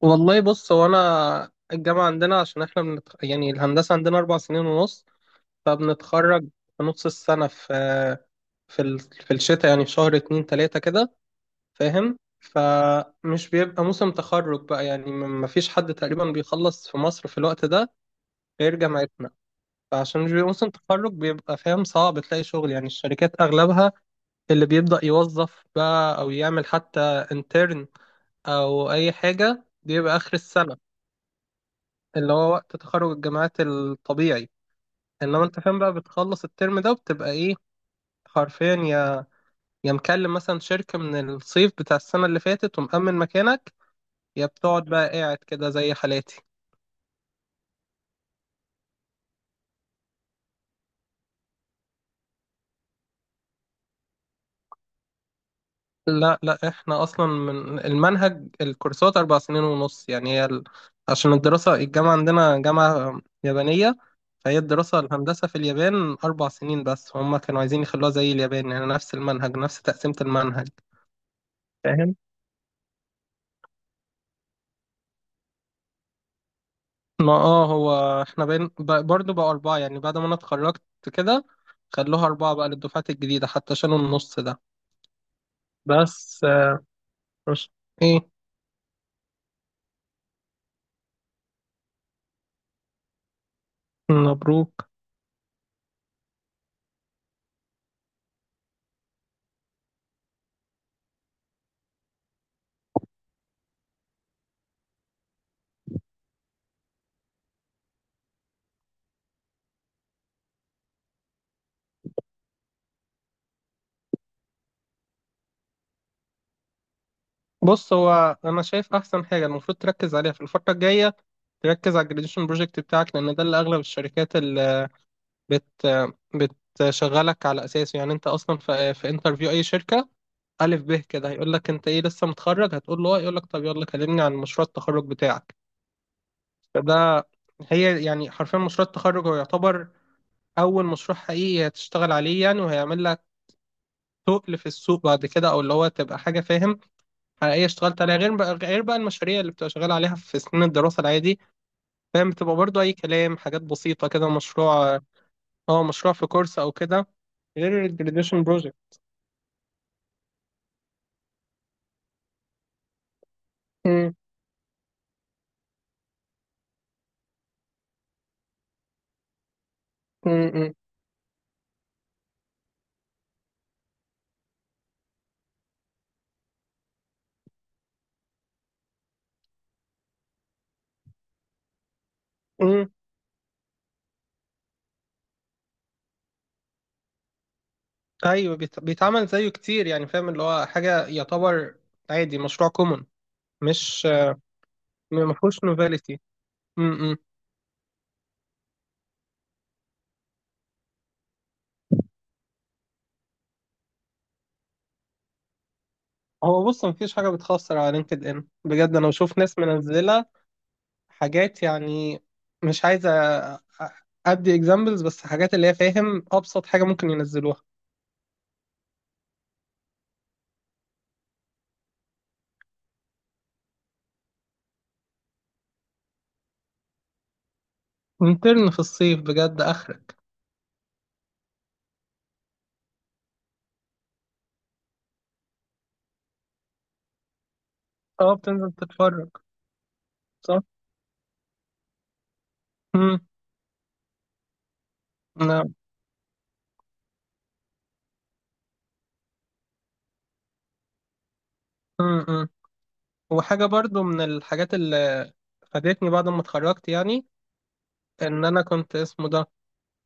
والله، بص، هو انا الجامعه عندنا عشان احنا يعني الهندسه عندنا 4 سنين ونص. فبنتخرج في نص السنه في الشتاء، يعني في شهر اتنين تلاته كده، فاهم. فمش بيبقى موسم تخرج بقى، يعني ما فيش حد تقريبا بيخلص في مصر في الوقت ده غير جامعتنا. فعشان مش بيبقى موسم تخرج، بيبقى فاهم صعب تلاقي شغل، يعني الشركات اغلبها اللي بيبدأ يوظف بقى او يعمل حتى انترن او اي حاجه بيبقى اخر السنه، اللي هو وقت تخرج الجامعات الطبيعي. انما انت فاهم بقى بتخلص الترم ده وبتبقى ايه، حرفيا، يا مكلم مثلا شركة من الصيف بتاع السنة اللي فاتت ومأمن مكانك، يا بتقعد بقى قاعد كده زي حالاتي. لا لا، احنا اصلا من المنهج الكورسات 4 سنين ونص، يعني عشان الدراسة الجامعة عندنا جامعة يابانية، فهي الدراسة الهندسة في اليابان 4 سنين بس هم كانوا عايزين يخلوها زي اليابان، يعني نفس المنهج نفس تقسيمة المنهج. ما اه، هو احنا بين برضه بقى أربعة، يعني بعد ما أنا اتخرجت كده خلوها أربعة بقى للدفعات الجديدة حتى شالوا النص ده. بس مش. إيه. مبروك. بص، هو أنا شايف أحسن حاجة المفروض تركز عليها في الفترة الجاية تركز على الجراديشن بروجكت بتاعك، لأن ده اللي أغلب الشركات اللي بت بتشغلك على أساسه. يعني أنت أصلا في انترفيو أي شركة ألف به كده هيقول لك أنت إيه، لسه متخرج؟ هتقول له آه. يقول لك طب يلا كلمني عن مشروع التخرج بتاعك. فده، هي يعني حرفيا مشروع التخرج هو يعتبر أول مشروع حقيقي هتشتغل عليه، يعني، وهيعمل لك تقل في السوق بعد كده، أو اللي هو تبقى حاجة، فاهم، حقيقية اشتغلت عليها، غير بقى المشاريع اللي بتبقى شغال عليها في سنين الدراسة العادي، فاهم، بتبقى برضو أي كلام، حاجات بسيطة كده، مشروع، اه، مشروع في كورس أو كده، غير الجراديويشن بروجكت. أيوه، بيتعمل زيه كتير، يعني، فاهم، اللي هو حاجة يعتبر عادي، مشروع كومون. مش. ما فيهوش نوفاليتي. هو بص، مفيش حاجة بتخسر على لينكد إن بجد. أنا بشوف ناس منزلة حاجات، يعني، مش عايزة أدي إكزامبلز، بس حاجات اللي هي، فاهم، أبسط حاجة ممكن ينزلوها. انترن في الصيف بجد آخرك. أه، بتنزل تتفرج. صح؟ مم. نعم. مم. مم. وحاجة برضو من الحاجات اللي فادتني بعد ما اتخرجت، يعني، إن أنا كنت اسمه ده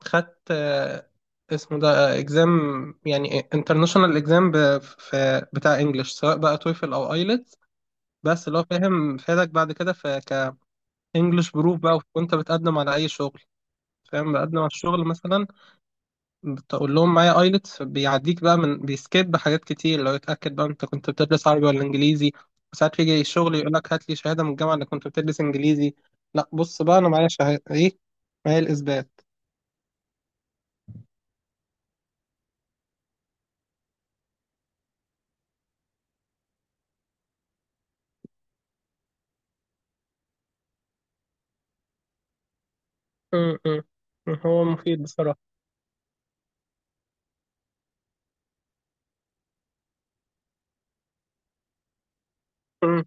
خدت اسمه ده اكزام، يعني انترناشونال اكزام، في بتاع انجلش، سواء بقى تويفل او ايلتس. بس اللي هو، فاهم، فادك بعد كده في كانجلش بروف بقى وانت بتقدم على اي شغل. فاهم، بقدم على الشغل مثلا بتقول لهم معايا ايلتس، بيعديك بقى من بيسكيب حاجات كتير، لو يتاكد بقى انت كنت بتدرس عربي ولا انجليزي. وساعات يجي الشغل يقول لك هات لي شهاده من الجامعه انك كنت بتدرس انجليزي. لا، بص بقى، انا معايا شهاده ايه، معايا الاثبات. م- م. هو مفيد بصراحه. م.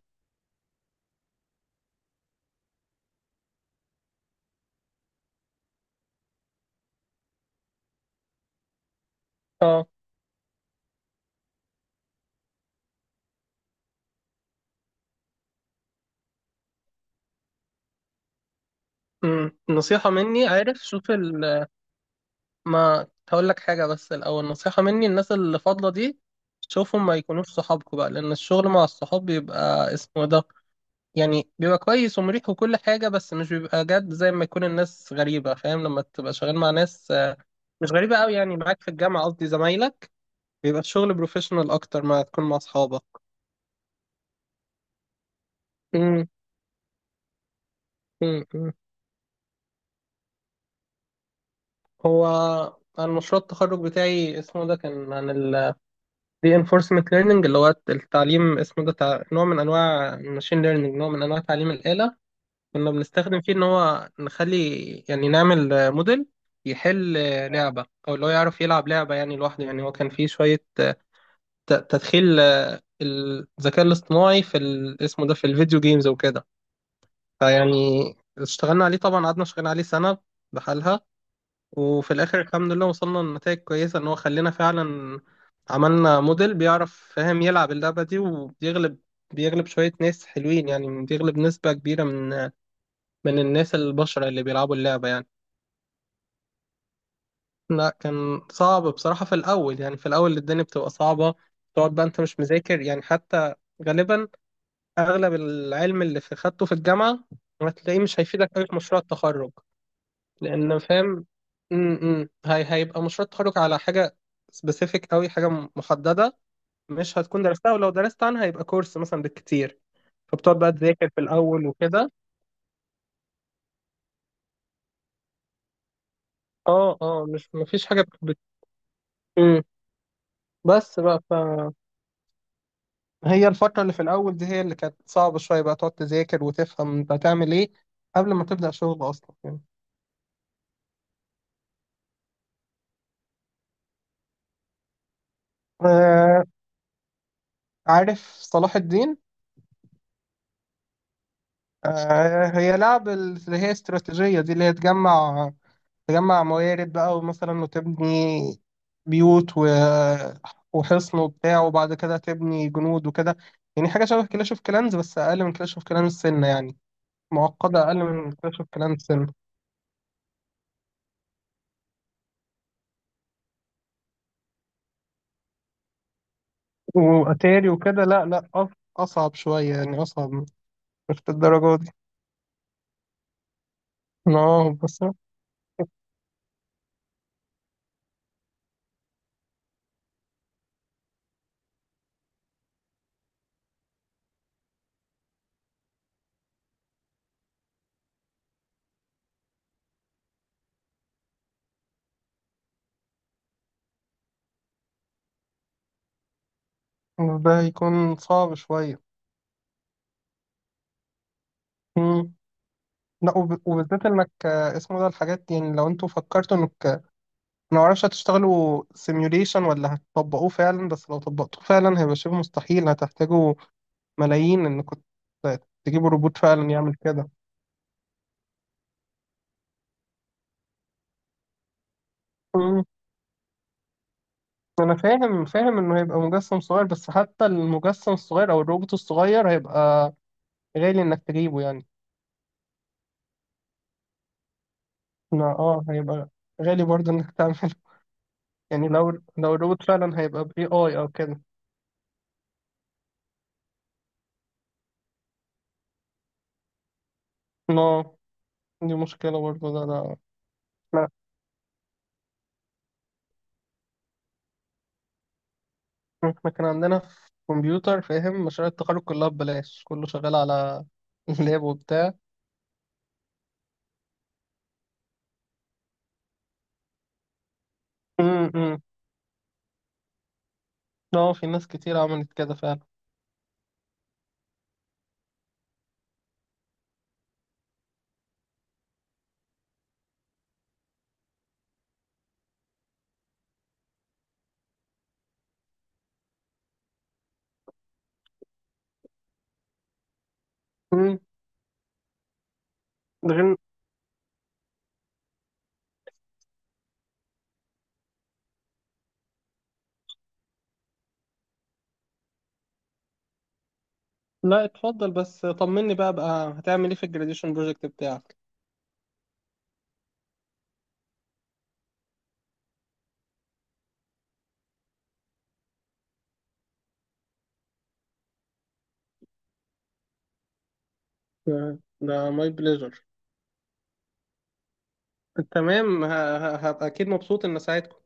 اه. م. نصيحه مني، عارف، شوف، ما هقول لك حاجة بس الأول نصيحة مني، الناس اللي فاضلة دي شوفهم ما يكونوش صحابكوا بقى، لأن الشغل مع الصحاب بيبقى اسمه إيه ده، يعني بيبقى كويس ومريح وكل حاجة بس مش بيبقى جد زي ما يكون الناس غريبة، فاهم، لما تبقى شغال مع ناس مش غريبة أوي يعني، معاك في الجامعة، قصدي زمايلك، بيبقى الشغل بروفيشنال أكتر ما تكون مع أصحابك. أمم. أمم. أمم. هو أنا مشروع التخرج بتاعي اسمه ده كان عن reinforcement learning، اللي هو التعليم، اسمه ده، نوع من انواع الماشين learning، نوع من انواع تعليم الآلة. كنا بنستخدم فيه ان هو نخلي، يعني نعمل، موديل يحل لعبة، او اللي هو يعرف يلعب لعبة يعني لوحده. يعني هو كان فيه شوية تدخيل الذكاء الاصطناعي في اسمه ده في الفيديو جيمز وكده. فيعني اشتغلنا عليه طبعا، قعدنا شغالين عليه سنة بحالها. وفي الاخر الحمد لله وصلنا لنتائج كويسه، ان هو خلينا فعلا عملنا موديل بيعرف، فاهم، يلعب اللعبه دي وبيغلب. بيغلب شويه ناس حلوين، يعني بيغلب نسبه كبيره من الناس البشر اللي بيلعبوا اللعبه يعني. لا كان صعب بصراحه في الاول، يعني في الاول الدنيا بتبقى صعبه، تقعد بقى انت مش مذاكر يعني حتى، غالبا اغلب العلم اللي في خدته في الجامعه هتلاقيه مش هيفيدك قوي في مشروع التخرج، لان، فاهم. م- م. هي هيبقى مشروع التخرج على حاجه سبيسيفيك قوي، حاجه محدده، مش هتكون درستها، ولو درست عنها هيبقى كورس مثلا بالكتير. فبتقعد بقى تذاكر في الاول وكده. اه، اه، مش، مفيش حاجه م. بس بقى فهي الفتره اللي في الاول دي هي اللي كانت صعبه شويه بقى، تقعد تذاكر وتفهم انت هتعمل ايه قبل ما تبدا شغل اصلا يعني. آه، عارف صلاح الدين؟ آه، هي لعب اللي هي استراتيجيه دي، اللي هي تجمع، موارد بقى، ومثلا وتبني بيوت وحصن وبتاع، وبعد كده تبني جنود وكده، يعني حاجة شبه كلاش اوف كلانز بس أقل من كلاش اوف كلانز سنة يعني، معقدة أقل من كلاش اوف كلانز سنة وأتاري وكده. لا لا، أصعب شوية يعني، أصعب، مش الدرجة دي. اه، بس ده هيكون صعب شوية. مم. لا، وبالذات إنك اسمه ده الحاجات، يعني لو أنتوا فكرتوا إنك، ما اعرفش، هتشتغلوا سيميوليشن ولا هتطبقوه فعلا، بس لو طبقتوه فعلا هيبقى شبه مستحيل، هتحتاجوا ملايين ان كنت تجيبوا روبوت فعلا يعمل كده. مم. انا فاهم، انه هيبقى مجسم صغير، بس حتى المجسم الصغير او الروبوت الصغير هيبقى غالي انك تجيبه يعني. ما اه، هيبقى غالي برضه انك تعمله. يعني لو، الروبوت فعلا هيبقى باي اي او كده. لا دي مشكلة برضه ده، لا. احنا كان عندنا في كمبيوتر، فاهم، مشاريع التخرج كلها ببلاش، كله شغال على اللاب وبتاع. امم. اه، في ناس كتير عملت كده فعلا. امم. ده غير، لا اتفضل، بس طمني بقى، هتعمل ايه في الجراديشن بروجكت بتاعك؟ ده ماي بليجر. تمام. هبقى اكيد مبسوط ان ساعتها.